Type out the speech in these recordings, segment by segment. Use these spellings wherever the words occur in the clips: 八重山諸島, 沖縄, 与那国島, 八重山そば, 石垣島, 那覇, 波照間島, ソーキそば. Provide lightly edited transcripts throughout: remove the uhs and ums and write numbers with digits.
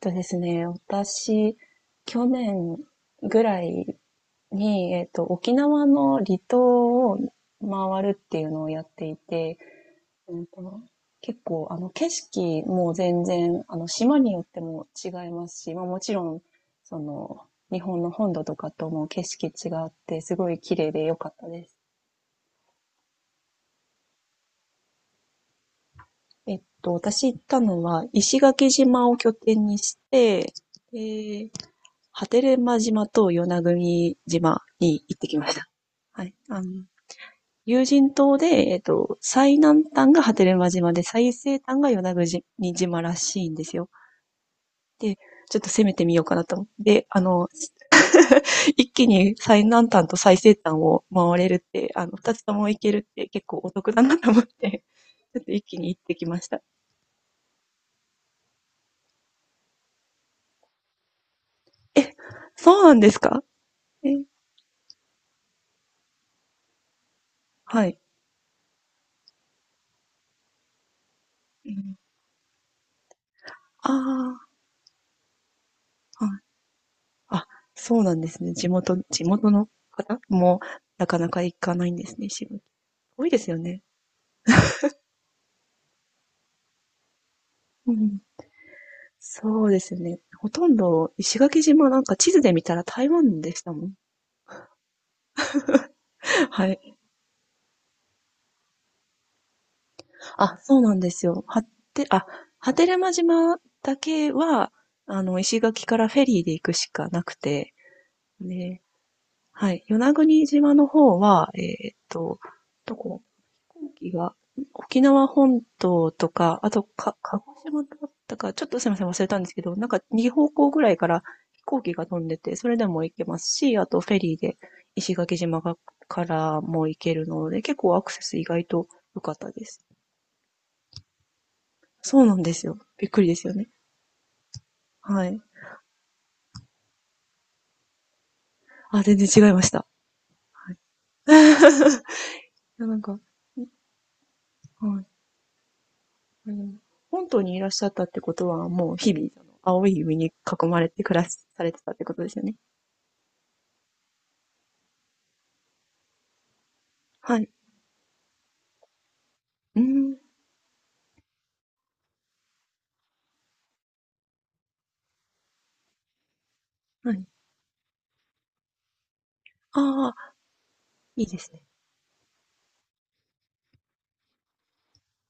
ですね、私、去年ぐらいに、沖縄の離島を回るっていうのをやっていて、うんと、結構、景色も全然、島によっても違いますし、まあもちろん、その、日本の本土とかとも景色違って、すごい綺麗で良かったです。私行ったのは、石垣島を拠点にして、で波照間島と与那国島に行ってきました。はい。有人島で、最南端が波照間島で、最西端が与那国島らしいんですよ。で、ちょっと攻めてみようかなと思って。で、一気に最南端と最西端を回れるって、二つとも行けるって結構お得だなと思って、ちょっと一気に行ってきました。え、そうなんですか？え、はい。ああ、はい。あ、そうなんですね。地元の方もなかなか行かないんですね、石垣。多いですよね。うん。そうですよね。ほとんど石垣島なんか地図で見たら台湾でしたもん。はい。あ、そうなんですよ。はて、あ、波照間島だけは、石垣からフェリーで行くしかなくて、ね。はい。与那国島の方は、ーっと、どこ飛行機が、沖縄本島とか、あと、鹿児島だったか、ちょっとすみません、忘れたんですけど、なんか2方向ぐらいから飛行機が飛んでて、それでも行けますし、あとフェリーで石垣島からも行けるので、結構アクセス意外と良かったです。そうなんですよ。びっくりですよね。はい。あ、全然違いました。はい。やなんか、はい。うん。本島にいらっしゃったってことは、もう日々、あの青い海に囲まれて暮らしされてたってことですよね。はい。うーん。はい。ああ、いいですね。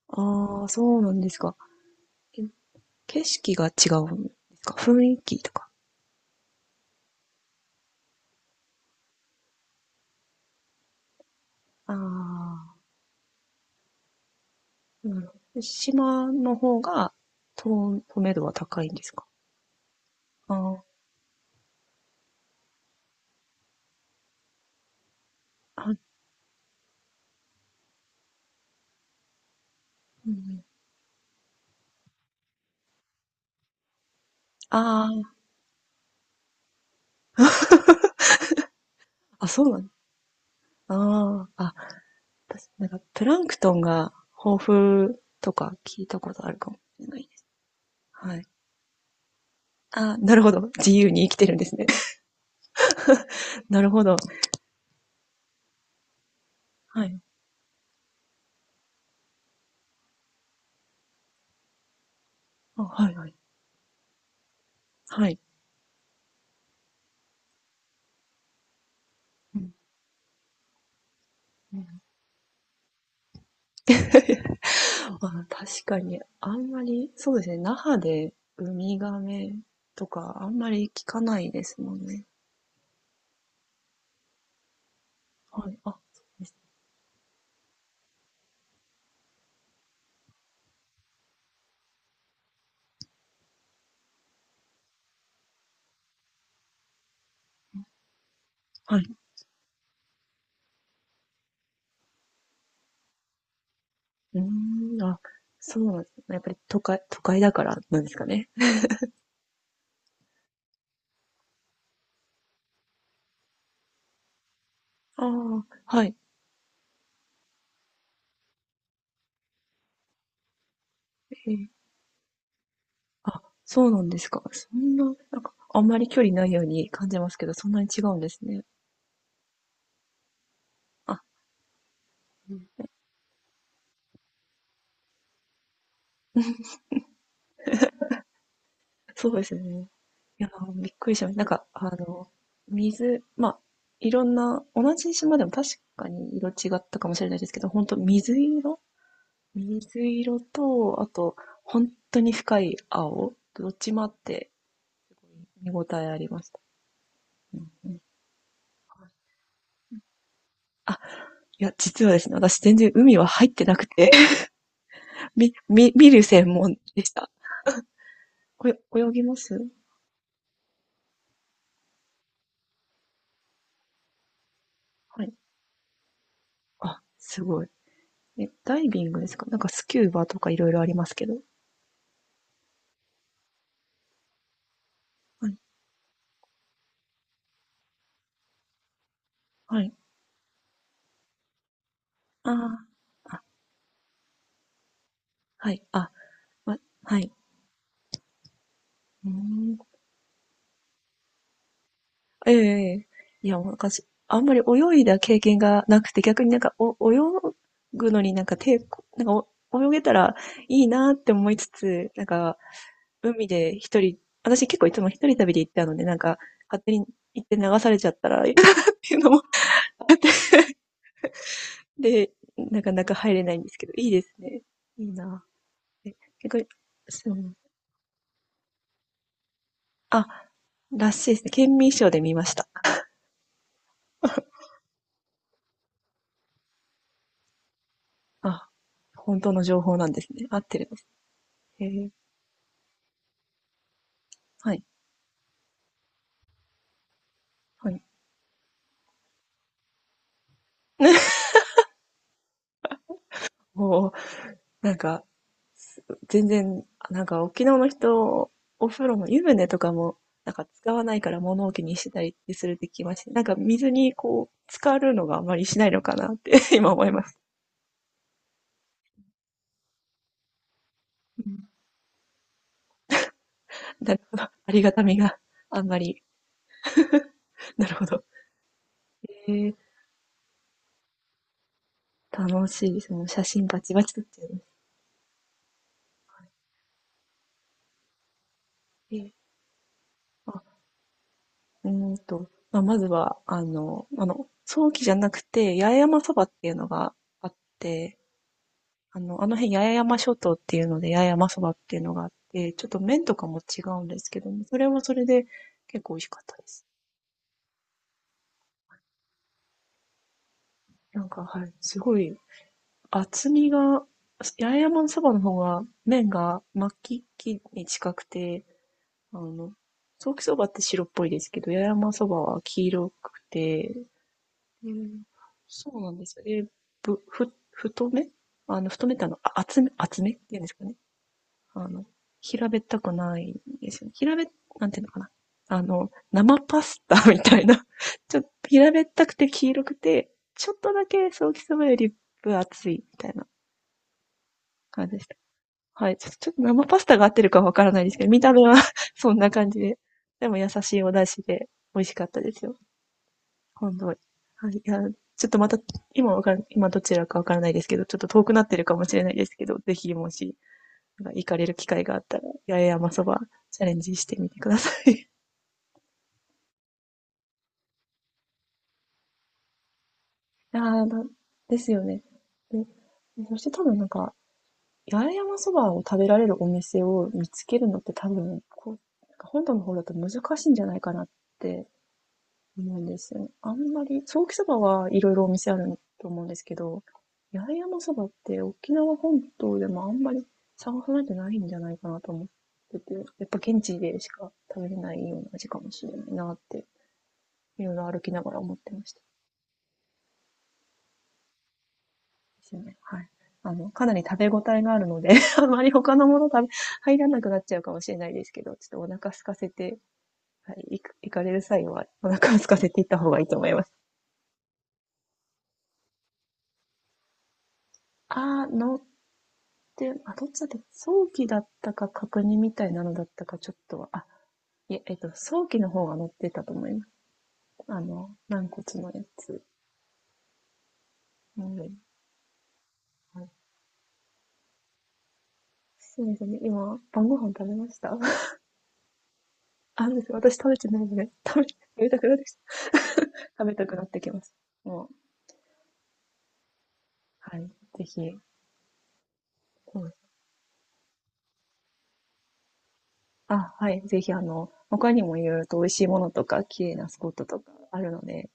ああ、そうなんですか。え、景色が違うんですか？雰囲気とか。ああ、なるほど。島の方が、透明度は高いんですか？ああ、あ、うん。ああ、あ、そうなん。ああー、あ、私、プランクトンが豊富とか聞いたことあるかもしれないです。あ、なるほど。自由に生きてるんですね。なるほど。はい。あ、はいはい。はい。うんうん あ、確かに、あんまり、そうですね、那覇でウミガメとか、あんまり聞かないですもんね。はい。あ、そうです。はい。うーん、あ、そうなんですね。やっぱり都会だからなんですかね。ああ、はい。ええ。あ、そうなんですか。そんな、なんか、あんまり距離ないように感じますけど、そんなに違うんですね。あ、うん、そうですね。いやー、びっくりしました。水、まあ、いろんな、同じ島でも確かに色違ったかもしれないですけど、本当水色と、あと、本当に深い青、どっちもあって、すごい見応えありました。うんうん。あ、実はですね、私全然海は入ってなくて、見る専門でした。泳ぎます？はい。あ、すごい。え、ダイビングですか？なんかスキューバとかいろいろありますけど。はい。はい。ああ、あ、はい、わ、はい。うーん。ええ、ええ。いや、もうなんかす、あんまり泳いだ経験がなくて、逆になんか、泳ぐのになんか抵抗、泳げたらいいなって思いつつ、なんか、海で一人、私結構いつも一人旅で行ったので、なんか、勝手に行って流されちゃったらいいかなっていうのもあって、で、なかなか入れないんですけど、いいですね。いいな。え、結構、そう、あ、らしいですね。県民賞で見ました。あ、本当の情報なんですね。合ってるんです。へえ。はい。はい。もう、なんか、全然、なんか沖縄の人、お風呂の湯船とかも、なんか使わないから物置にしてたりするって聞きまして、なんか水にこう、浸かるのがあまりしないのかなって 今思います。うん。なるほど。ありがたみがあんまり。なるほど。へえ、楽しいです。もう写真バチバチ撮っちゃいます。へえ。あ、まあ、まずは、あの、早期じゃなくて、八重山そばっていうのがあって、あの辺八重山諸島っていうので、八重山そばっていうのがあって、ちょっと麺とかも違うんですけども、それはそれで結構美味しかったです。なんか、はい、すごい厚みが、八重山そばの方が麺が巻きに近くて、あの、早期そばって白っぽいですけど、八重山そばは黄色くて、うん、そうなんですよ。え、太め、あの、太めってあの、厚めって言うんですかね。あの、平べったくないですよね。平べ、なんていうのかな。あの、生パスタ みたいな。ちょっと平べったくて黄色くて、ちょっとだけソーキそばより分厚いみたいな感じでした。はい。ちょっと生パスタが合ってるかわからないですけど、見た目は そんな感じで。でも優しいお出汁で美味しかったですよ。今度、はい。いや、ちょっとまた、今どちらかわからないですけど、ちょっと遠くなってるかもしれないですけど、ぜひもし、なんか行かれる機会があったら、八重山そばチャレンジしてみてください。ああ、なですよね。で、そして多分なんか、八重山そばを食べられるお店を見つけるのって多分、こう、なんか本土の方だと難しいんじゃないかなって。そうなんですよね。あんまり、ソーキそばはいろいろお店あると思うんですけど、八重山そばって沖縄本島でもあんまり探さないとないんじゃないかなと思ってて、やっぱ現地でしか食べれないような味かもしれないなって、いろいろ歩きながら思ってました。ですね。はい。あの、かなり食べ応えがあるので あまり他のもの食べ、入らなくなっちゃうかもしれないですけど、ちょっとお腹空かせて、はい、行かれる際はお腹を空かせて行った方がいいと思います。あー、の、で、どっちだったか早期だったか確認みたいなのだったかちょっとは、あ、いえ、早期の方が載ってたと思います。あの、軟骨のやつ。うん。はい、そうですね。今、晩ご飯食べました。 あ、です、私食べてないので、食べたくなってきた。食べたくなってきます。もう、はい。ぜひ、うん。あ、はい。ぜひ、他にもいろいろと美味しいものとか、綺麗なスポットとかあるので、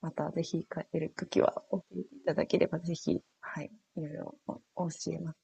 またぜひ帰れるときは教えていただければ、ぜひ、はい、いろいろお教えます。